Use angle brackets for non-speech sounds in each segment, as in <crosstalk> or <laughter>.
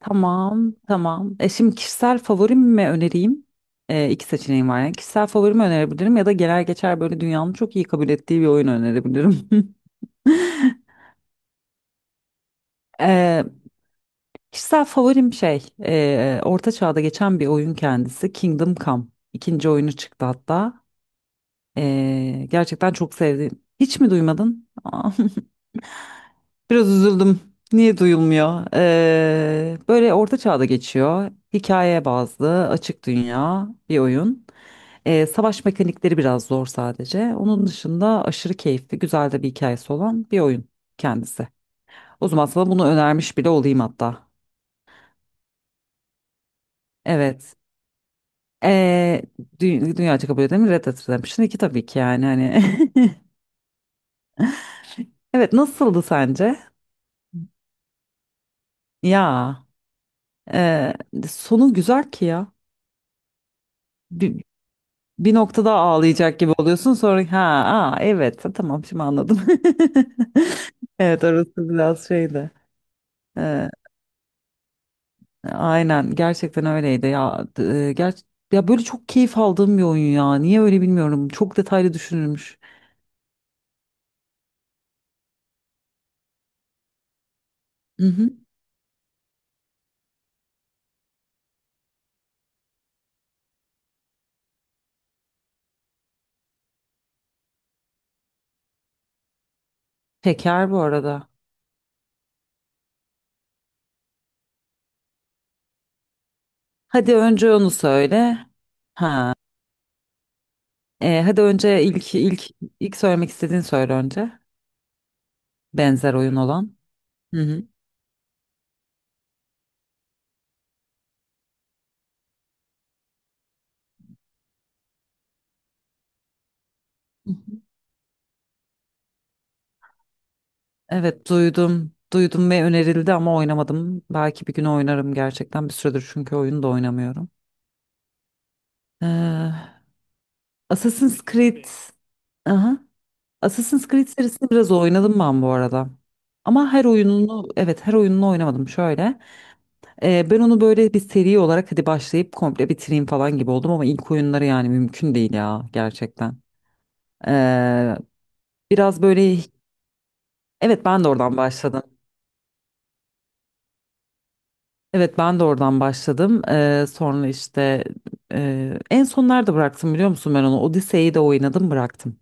Tamam, tamam. Şimdi kişisel favorimi mi önereyim? İki seçeneğim var. Yani kişisel favorimi önerebilirim ya da genel geçer böyle dünyanın çok iyi kabul ettiği bir oyun önerebilirim. <laughs> E, Kişisel favorim şey, Orta Çağ'da geçen bir oyun kendisi Kingdom Come. İkinci oyunu çıktı hatta. Gerçekten çok sevdim. Hiç mi duymadın? <laughs> Biraz üzüldüm. Niye duyulmuyor? Böyle orta çağda geçiyor. Hikaye bazlı, açık dünya bir oyun. Savaş mekanikleri biraz zor sadece. Onun dışında aşırı keyifli, güzel de bir hikayesi olan bir oyun kendisi. O zaman sana bunu önermiş bile olayım hatta. Evet. Ee, dü Dünyaca kabul edilmiş Red Dead Redemption 2, tabii ki yani hani. <laughs> Evet, nasıldı sence? Ya, e, sonu güzel ki ya. Bi- bir noktada ağlayacak gibi oluyorsun. Sonra ha, aa, evet tamam, şimdi anladım. <laughs> Evet, orası biraz şeydi. Ee, aynen, gerçekten öyleydi ya. E, ger Ya, böyle çok keyif aldığım bir oyun ya. Niye öyle bilmiyorum. Çok detaylı düşünülmüş. Hı hı. Şeker bu arada. Hadi önce onu söyle. Ha. Hadi önce ilk söylemek istediğin söyle önce. Benzer oyun olan. Hı hı. Evet, duydum. Duydum ve önerildi ama oynamadım. Belki bir gün oynarım gerçekten. Bir süredir çünkü oyunu da oynamıyorum. Ee, Assassin's Creed. Aha. Assassin's Creed serisini biraz oynadım ben bu arada. Ama her oyununu, evet, her oyununu oynamadım şöyle. Ben onu böyle bir seri olarak hadi başlayıp komple bitireyim falan gibi oldum ama ilk oyunları yani mümkün değil ya, gerçekten. Ee, Biraz böyle, evet, ben de oradan başladım. Evet, ben de oradan başladım. Sonra işte en son nerede bıraktım biliyor musun ben onu? Odise'yi de oynadım, bıraktım.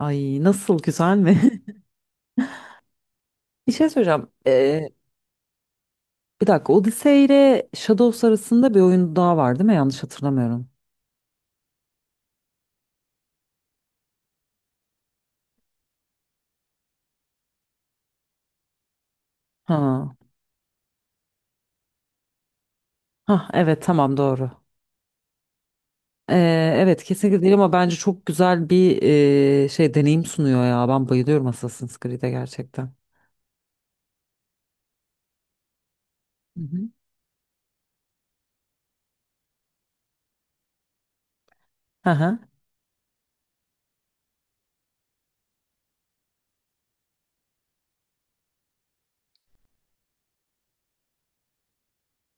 Ay, nasıl, güzel mi? <laughs> Bir şey söyleyeceğim. Bir dakika, Odise ile Shadows arasında bir oyun daha var değil mi? Yanlış hatırlamıyorum. Ha. Ha, evet tamam, doğru. Evet, kesinlikle değil ama bence çok güzel bir deneyim sunuyor ya. Ben bayılıyorum Assassin's Creed'e, gerçekten. Hı hı. Hı hı.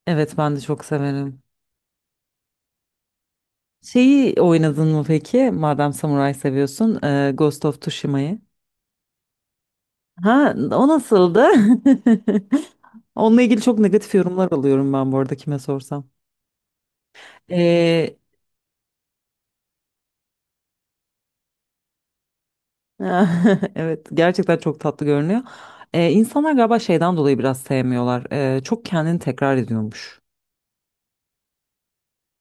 Evet, ben de çok severim. Şeyi oynadın mı peki? Madem samuray seviyorsun, Ghost of Tsushima'yı. Ha, o nasıldı? <laughs> Onunla ilgili çok negatif yorumlar alıyorum ben bu arada, kime sorsam. E, <laughs> evet, gerçekten çok tatlı görünüyor. İnsanlar galiba şeyden dolayı biraz sevmiyorlar. Çok kendini tekrar ediyormuş.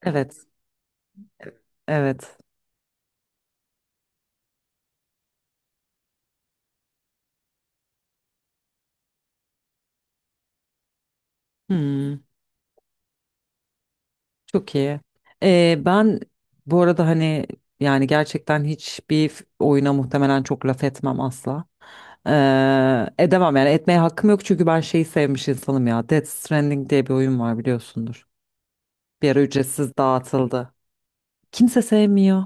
Evet, evet. Hmm, Çok iyi. Ben bu arada hani, yani gerçekten hiçbir oyuna muhtemelen çok laf etmem asla. Edemem yani, etmeye hakkım yok çünkü ben şeyi sevmiş insanım ya. Death Stranding diye bir oyun var, biliyorsundur. Bir ara ücretsiz dağıtıldı. Kimse sevmiyor.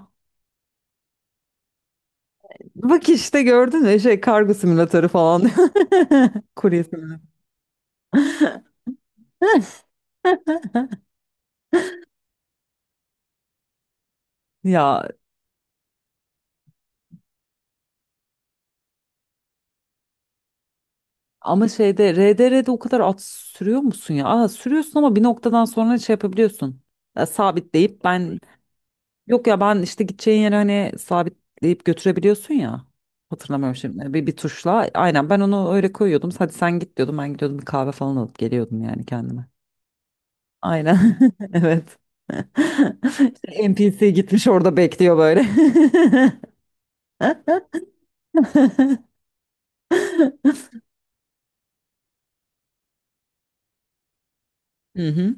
Bak işte, gördün mü, şey, kargo simülatörü falan. <laughs> Kurye simülatörü. <laughs> Ya, ama şeyde, RDR'de o kadar at sürüyor musun ya? Aa, sürüyorsun ama bir noktadan sonra şey yapabiliyorsun. Ya, sabitleyip ben, yok ya, ben işte gideceğin yere hani sabitleyip götürebiliyorsun ya. Hatırlamıyorum şimdi. Bir tuşla. Aynen, ben onu öyle koyuyordum. Hadi sen git diyordum. Ben gidiyordum, bir kahve falan alıp geliyordum yani kendime. Aynen. <laughs> Evet. <laughs> İşte NPC gitmiş, orada bekliyor böyle. <laughs> Hı hı,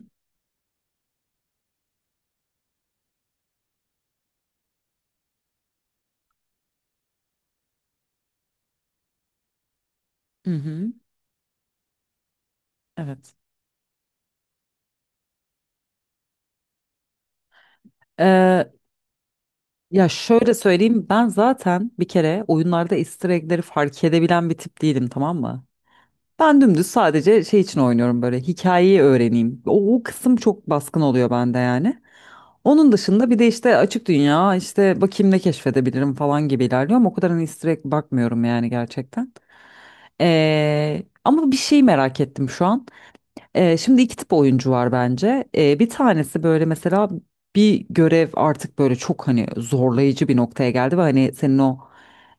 hı hı. Evet. Ee, Ya şöyle söyleyeyim, ben zaten bir kere oyunlarda easter egg'leri fark edebilen bir tip değilim, tamam mı? Ben dümdüz sadece şey için oynuyorum, böyle hikayeyi öğreneyim. O kısım çok baskın oluyor bende yani. Onun dışında bir de işte açık dünya, işte bakayım ne keşfedebilirim falan gibi ilerliyorum. O kadar hani easter egg bakmıyorum yani, gerçekten. Ama bir şey merak ettim şu an. Şimdi iki tip oyuncu var bence. Bir tanesi böyle, mesela bir görev artık böyle çok hani zorlayıcı bir noktaya geldi ve hani senin o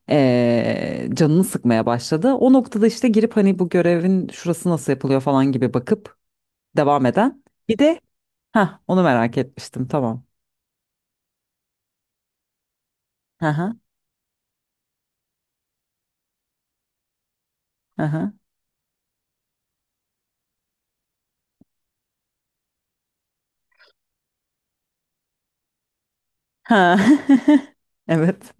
canını sıkmaya başladı. O noktada işte girip hani bu görevin şurası nasıl yapılıyor falan gibi bakıp devam eden. Bir de, ha, onu merak etmiştim, tamam. Aha, aha. Ha. <laughs> Evet.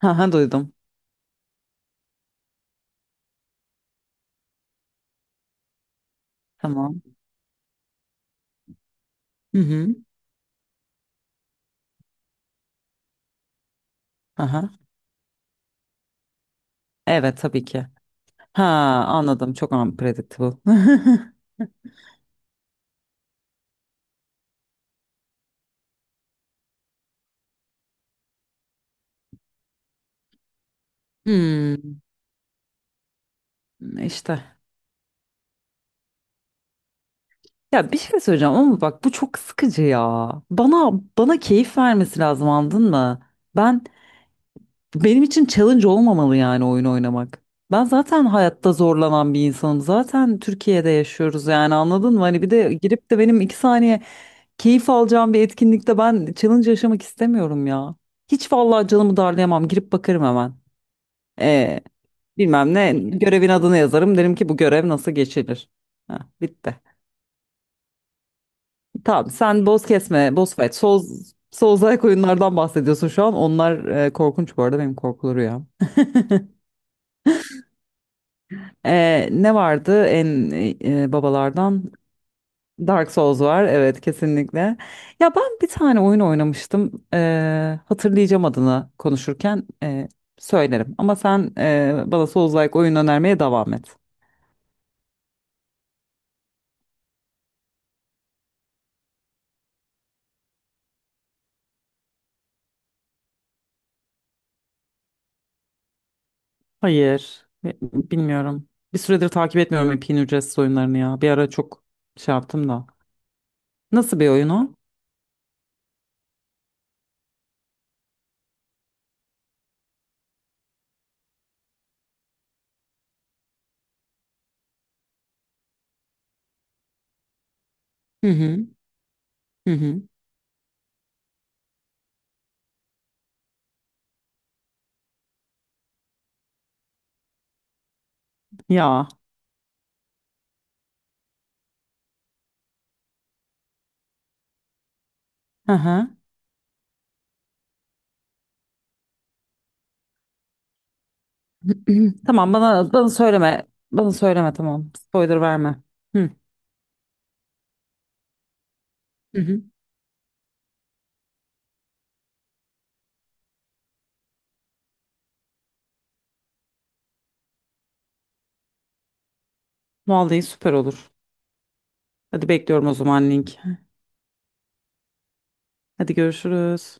Ha, duydum. Tamam. Hı hı. Aha. Evet, tabii ki. Ha, anladım. Çok unpredictable. <laughs> Hmm, işte. Ya, bir şey söyleyeceğim ama bak, bu çok sıkıcı ya. Bana keyif vermesi lazım, anladın mı? Ben Benim için challenge olmamalı yani, oyun oynamak. Ben zaten hayatta zorlanan bir insanım. Zaten Türkiye'de yaşıyoruz yani, anladın mı? Hani bir de girip de benim iki saniye keyif alacağım bir etkinlikte ben challenge yaşamak istemiyorum ya. Hiç vallahi, canımı darlayamam. Girip bakarım hemen. Ee, Bilmem ne görevin adını yazarım. Derim ki, bu görev nasıl geçilir. Heh, bitti. Tamam, sen boz kesme, boz fight, Souls, Souls-like oyunlardan bahsediyorsun şu an. Onlar korkunç bu arada, benim korkulu rüyam. Ne vardı en babalardan? Dark Souls var, evet, kesinlikle. Ya, ben bir tane oyun oynamıştım. Hatırlayacağım adını, konuşurken söylerim. Ama sen bana Souls-like oyun önermeye devam et. Hayır, bilmiyorum. Bir süredir takip etmiyorum Epey'in ücretsiz oyunlarını ya. Bir ara çok şey yaptım da. Nasıl bir oyun o? Hı hı. Hı hı. Ya. Hı hı. <clears throat> Tamam, bana söyleme. Bana söyleme, tamam. Spoiler verme. Hı. Hı hı. Vallahi, süper olur. Hadi, bekliyorum o zaman link. Hadi, görüşürüz.